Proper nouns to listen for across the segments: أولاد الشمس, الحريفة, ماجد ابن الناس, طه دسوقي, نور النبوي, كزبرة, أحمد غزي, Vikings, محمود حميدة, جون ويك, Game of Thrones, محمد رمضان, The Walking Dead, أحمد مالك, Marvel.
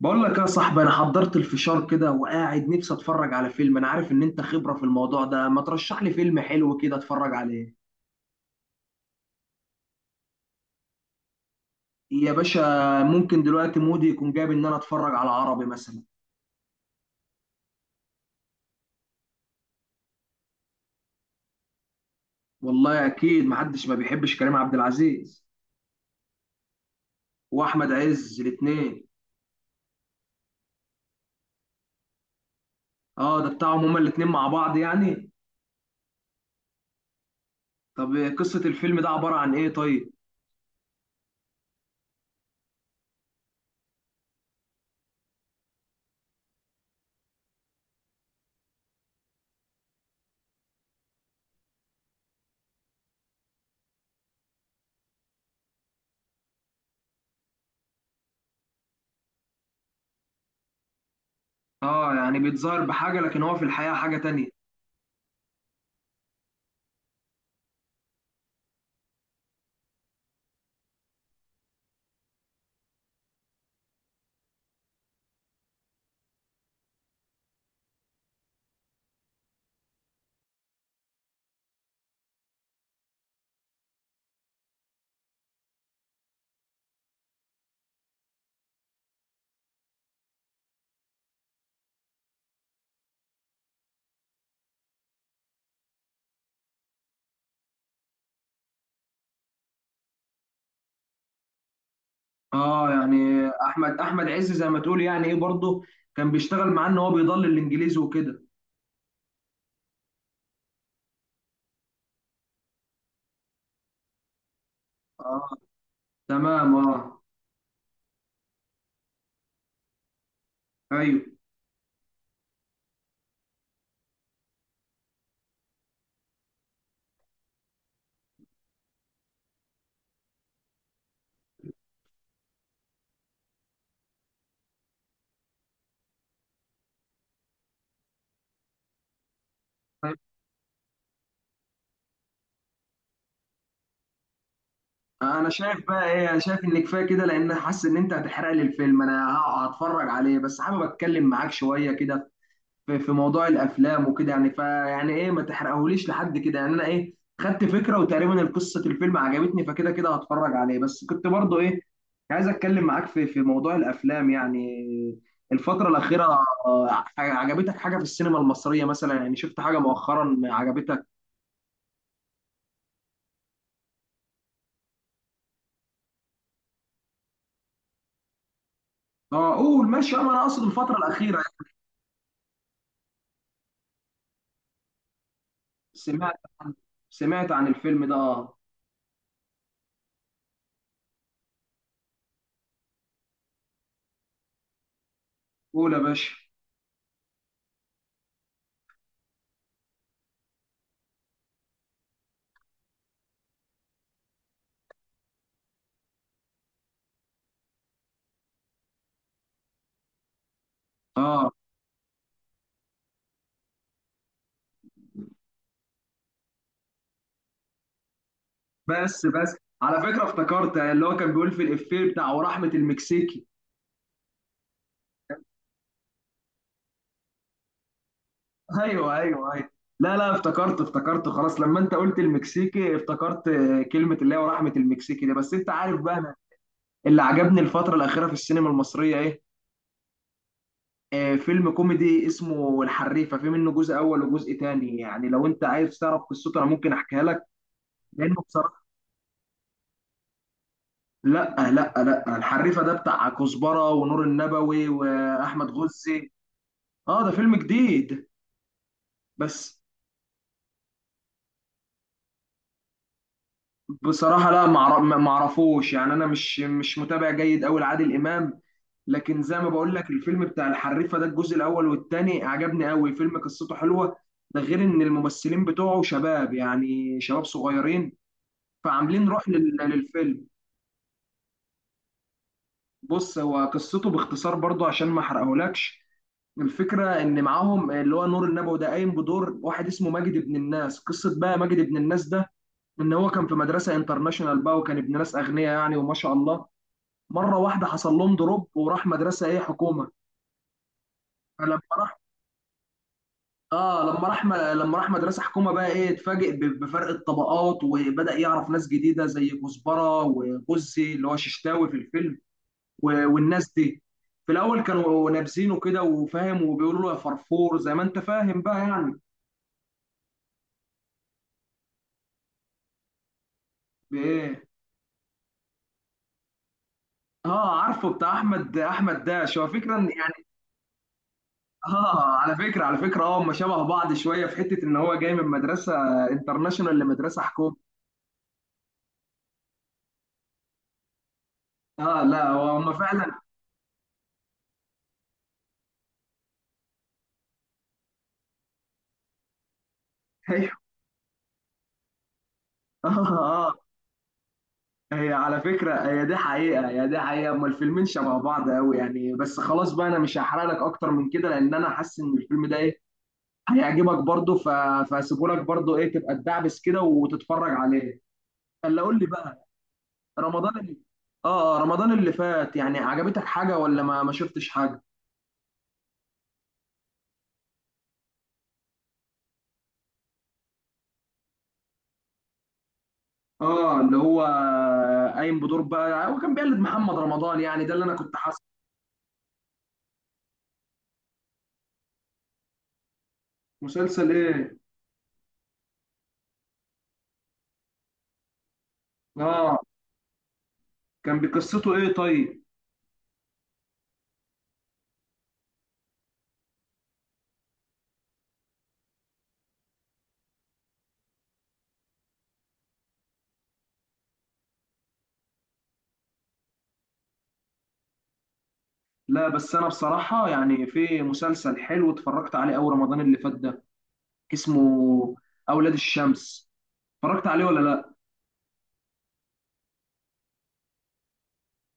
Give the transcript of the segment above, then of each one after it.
بقول لك يا صاحبي، انا حضرت الفشار كده وقاعد نفسي اتفرج على فيلم. انا عارف ان انت خبرة في الموضوع ده، ما ترشح لي فيلم حلو كده اتفرج عليه. يا باشا، ممكن دلوقتي مودي يكون جايب ان انا اتفرج على عربي مثلا. والله اكيد محدش ما بيحبش كريم عبد العزيز. واحمد عز الاتنين. اه، ده بتاعهم هما الاتنين مع بعض يعني. طب قصة الفيلم ده عبارة عن ايه؟ طيب. اه، يعني بيتظاهر بحاجة، لكن هو في الحقيقة حاجة تانية. اه يعني، احمد عز زي ما تقول يعني ايه برضه، كان بيشتغل معاه ان هو بيضل الانجليزي وكده. اه، تمام، اه. ايوه. طيب. انا شايف بقى ايه، انا شايف ان كفايه كده لان حاسس ان انت هتحرق لي الفيلم، انا هتفرج عليه. بس حابب اتكلم معاك شويه كده في موضوع الافلام وكده يعني، فيعني ايه، ما تحرقهوليش لحد كده يعني. انا ايه، خدت فكره، وتقريبا القصه الفيلم عجبتني، فكده كده هتفرج عليه. بس كنت برضو ايه عايز اتكلم معاك في موضوع الافلام يعني. الفتره الاخيره عجبتك حاجه في السينما المصريه مثلا يعني، شفت حاجه مؤخرا عجبتك؟ اه، قول ماشي. ما انا اقصد الفتره الاخيره يعني. سمعت عن سمعت عن الفيلم ده، اه. قول يا باشا. اه، بس بس، على فكره افتكرت اللي هو كان بيقول في الافيه بتاع ورحمه المكسيكي. ايوه، ايوه، ايوه. لا لا، افتكرت افتكرت. خلاص لما انت قلت المكسيكي افتكرت كلمة اللي هي ورحمة المكسيكي دي. بس انت عارف بقى انا، اللي عجبني الفترة الأخيرة في السينما المصرية ايه؟ آه، فيلم كوميدي اسمه الحريفة، في منه جزء أول وجزء تاني. يعني لو انت عايز تعرف قصته، انا ممكن احكيها لك. لأنه بصراحة. لا لا لا، الحريفة ده بتاع كزبرة ونور النبوي وأحمد غزي. اه، ده فيلم جديد. بس بصراحة، لا ما اعرفوش يعني. انا مش متابع جيد قوي لعادل امام. لكن زي ما بقول لك، الفيلم بتاع الحريفة ده، الجزء الاول والثاني، عجبني قوي. فيلم قصته حلوة، ده غير ان الممثلين بتوعه شباب، يعني شباب صغيرين، فعاملين روح للفيلم. بص، هو قصته باختصار، برضو عشان ما احرقهولكش. الفكرة إن معاهم اللي هو نور النبوي ده قايم بدور واحد اسمه ماجد ابن الناس. قصة بقى ماجد ابن الناس ده، إن هو كان في مدرسة انترناشونال بقى، وكان ابن ناس أغنياء يعني، وما شاء الله، مره واحده حصل لهم دروب وراح مدرسه ايه حكومه. فلما راح اه لما راح مدرسه حكومه بقى، ايه، اتفاجئ بفرق الطبقات، وبدا يعرف ناس جديده زي كزبره وغزي اللي هو ششتاوي في الفيلم و... والناس دي. في الاول كانوا نابزينه كده وفاهم، وبيقولوا له يا فرفور، زي ما انت فاهم بقى يعني. بايه؟ اه، عارفه، بتاع احمد داش، هو فكره إن يعني. اه، على فكره، اه، هم شبه بعض شويه، في حته ان هو جاي من مدرسه انترناشونال لمدرسه حكومه. اه، لا، هو هم فعلا ايوه. اه، اه. هي على فكره، هي دي حقيقه، هي دي حقيقه، هم الفيلمين شبه بعض قوي يعني. بس خلاص بقى، انا مش هحرق لك اكتر من كده، لان انا حاسس ان الفيلم ده ايه، هيعجبك برضه. فهسيبه لك برضه ايه، تبقى تدعبس كده وتتفرج عليه. اللي قول لي بقى. رمضان اللي... رمضان اللي فات يعني، عجبتك حاجه ولا ما شفتش حاجه؟ اه، اللي هو قايم بدور بقى، هو كان بيقلد محمد رمضان يعني، ده اللي انا كنت حاسه. مسلسل ايه؟ اه، كان بقصته ايه طيب؟ لا، بس انا بصراحة يعني، في مسلسل حلو اتفرجت عليه اول رمضان اللي فات ده، اسمه اولاد الشمس. اتفرجت عليه ولا لا؟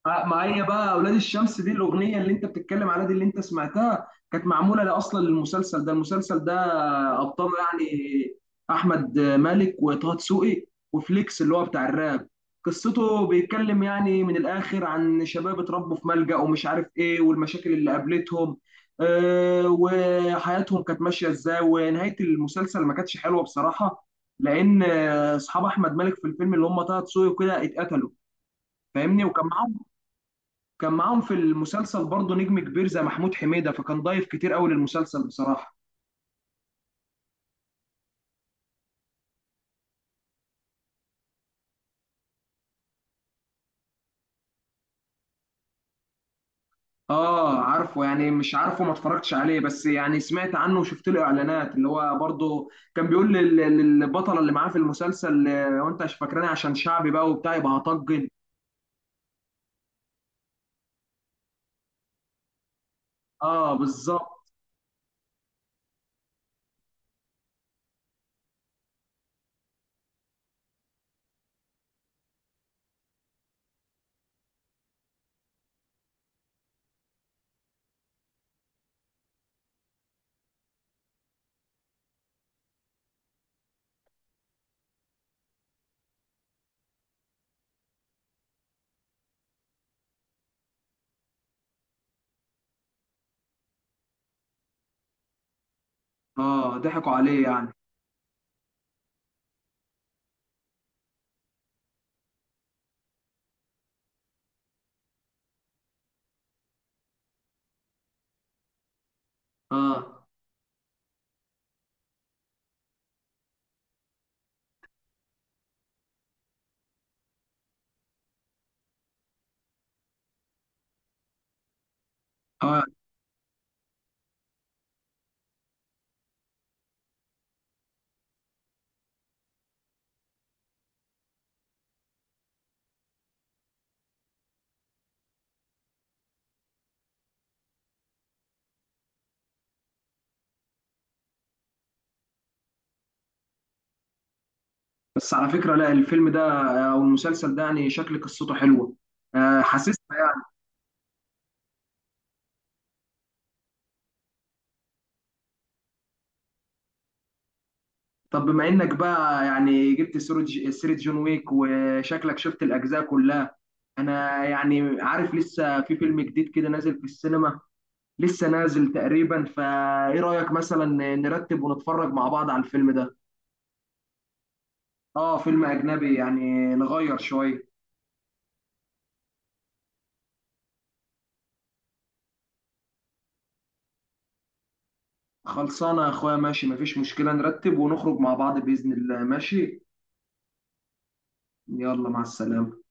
آه، معايا بقى، اولاد الشمس دي الاغنيه اللي انت بتتكلم عليها دي اللي انت سمعتها، كانت معموله لا اصلا للمسلسل ده. المسلسل ده ابطال يعني احمد مالك وطه دسوقي وفليكس اللي هو بتاع الراب. قصته بيتكلم يعني من الاخر عن شباب اتربوا في ملجأ ومش عارف ايه، والمشاكل اللي قابلتهم وحياتهم كانت ماشيه ازاي. ونهايه المسلسل ما كانتش حلوه بصراحه، لان اصحاب احمد مالك في الفيلم اللي هم طه دسوقي وكده اتقتلوا، فاهمني. وكان معاهم في المسلسل برضه نجم كبير زي محمود حميدة، فكان ضايف كتير قوي للمسلسل بصراحة. اه، عارفه يعني، مش عارفه، ما اتفرجتش عليه، بس يعني سمعت عنه وشفت له اعلانات، اللي هو برضه كان بيقول للبطلة اللي معاه في المسلسل وانت مش فاكراني، عشان شعبي بقى وبتاع، يبقى هطجن. اه، بالظبط. اه، ضحكوا عليه يعني. اه، اه. بس على فكرة، لا، الفيلم ده او المسلسل ده يعني شكل قصته حلوة. آه، حاسس. طب بما انك بقى يعني جبت سيرة سيرة جون ويك، وشكلك شفت الاجزاء كلها. انا يعني عارف لسه في فيلم جديد كده نازل في السينما، لسه نازل تقريبا، فايه رأيك مثلا نرتب ونتفرج مع بعض على الفيلم ده؟ اه، فيلم اجنبي يعني، نغير شوية. خلصانة يا اخويا، ماشي، مفيش مشكلة، نرتب ونخرج مع بعض بإذن الله. ماشي. يلا، مع السلامة.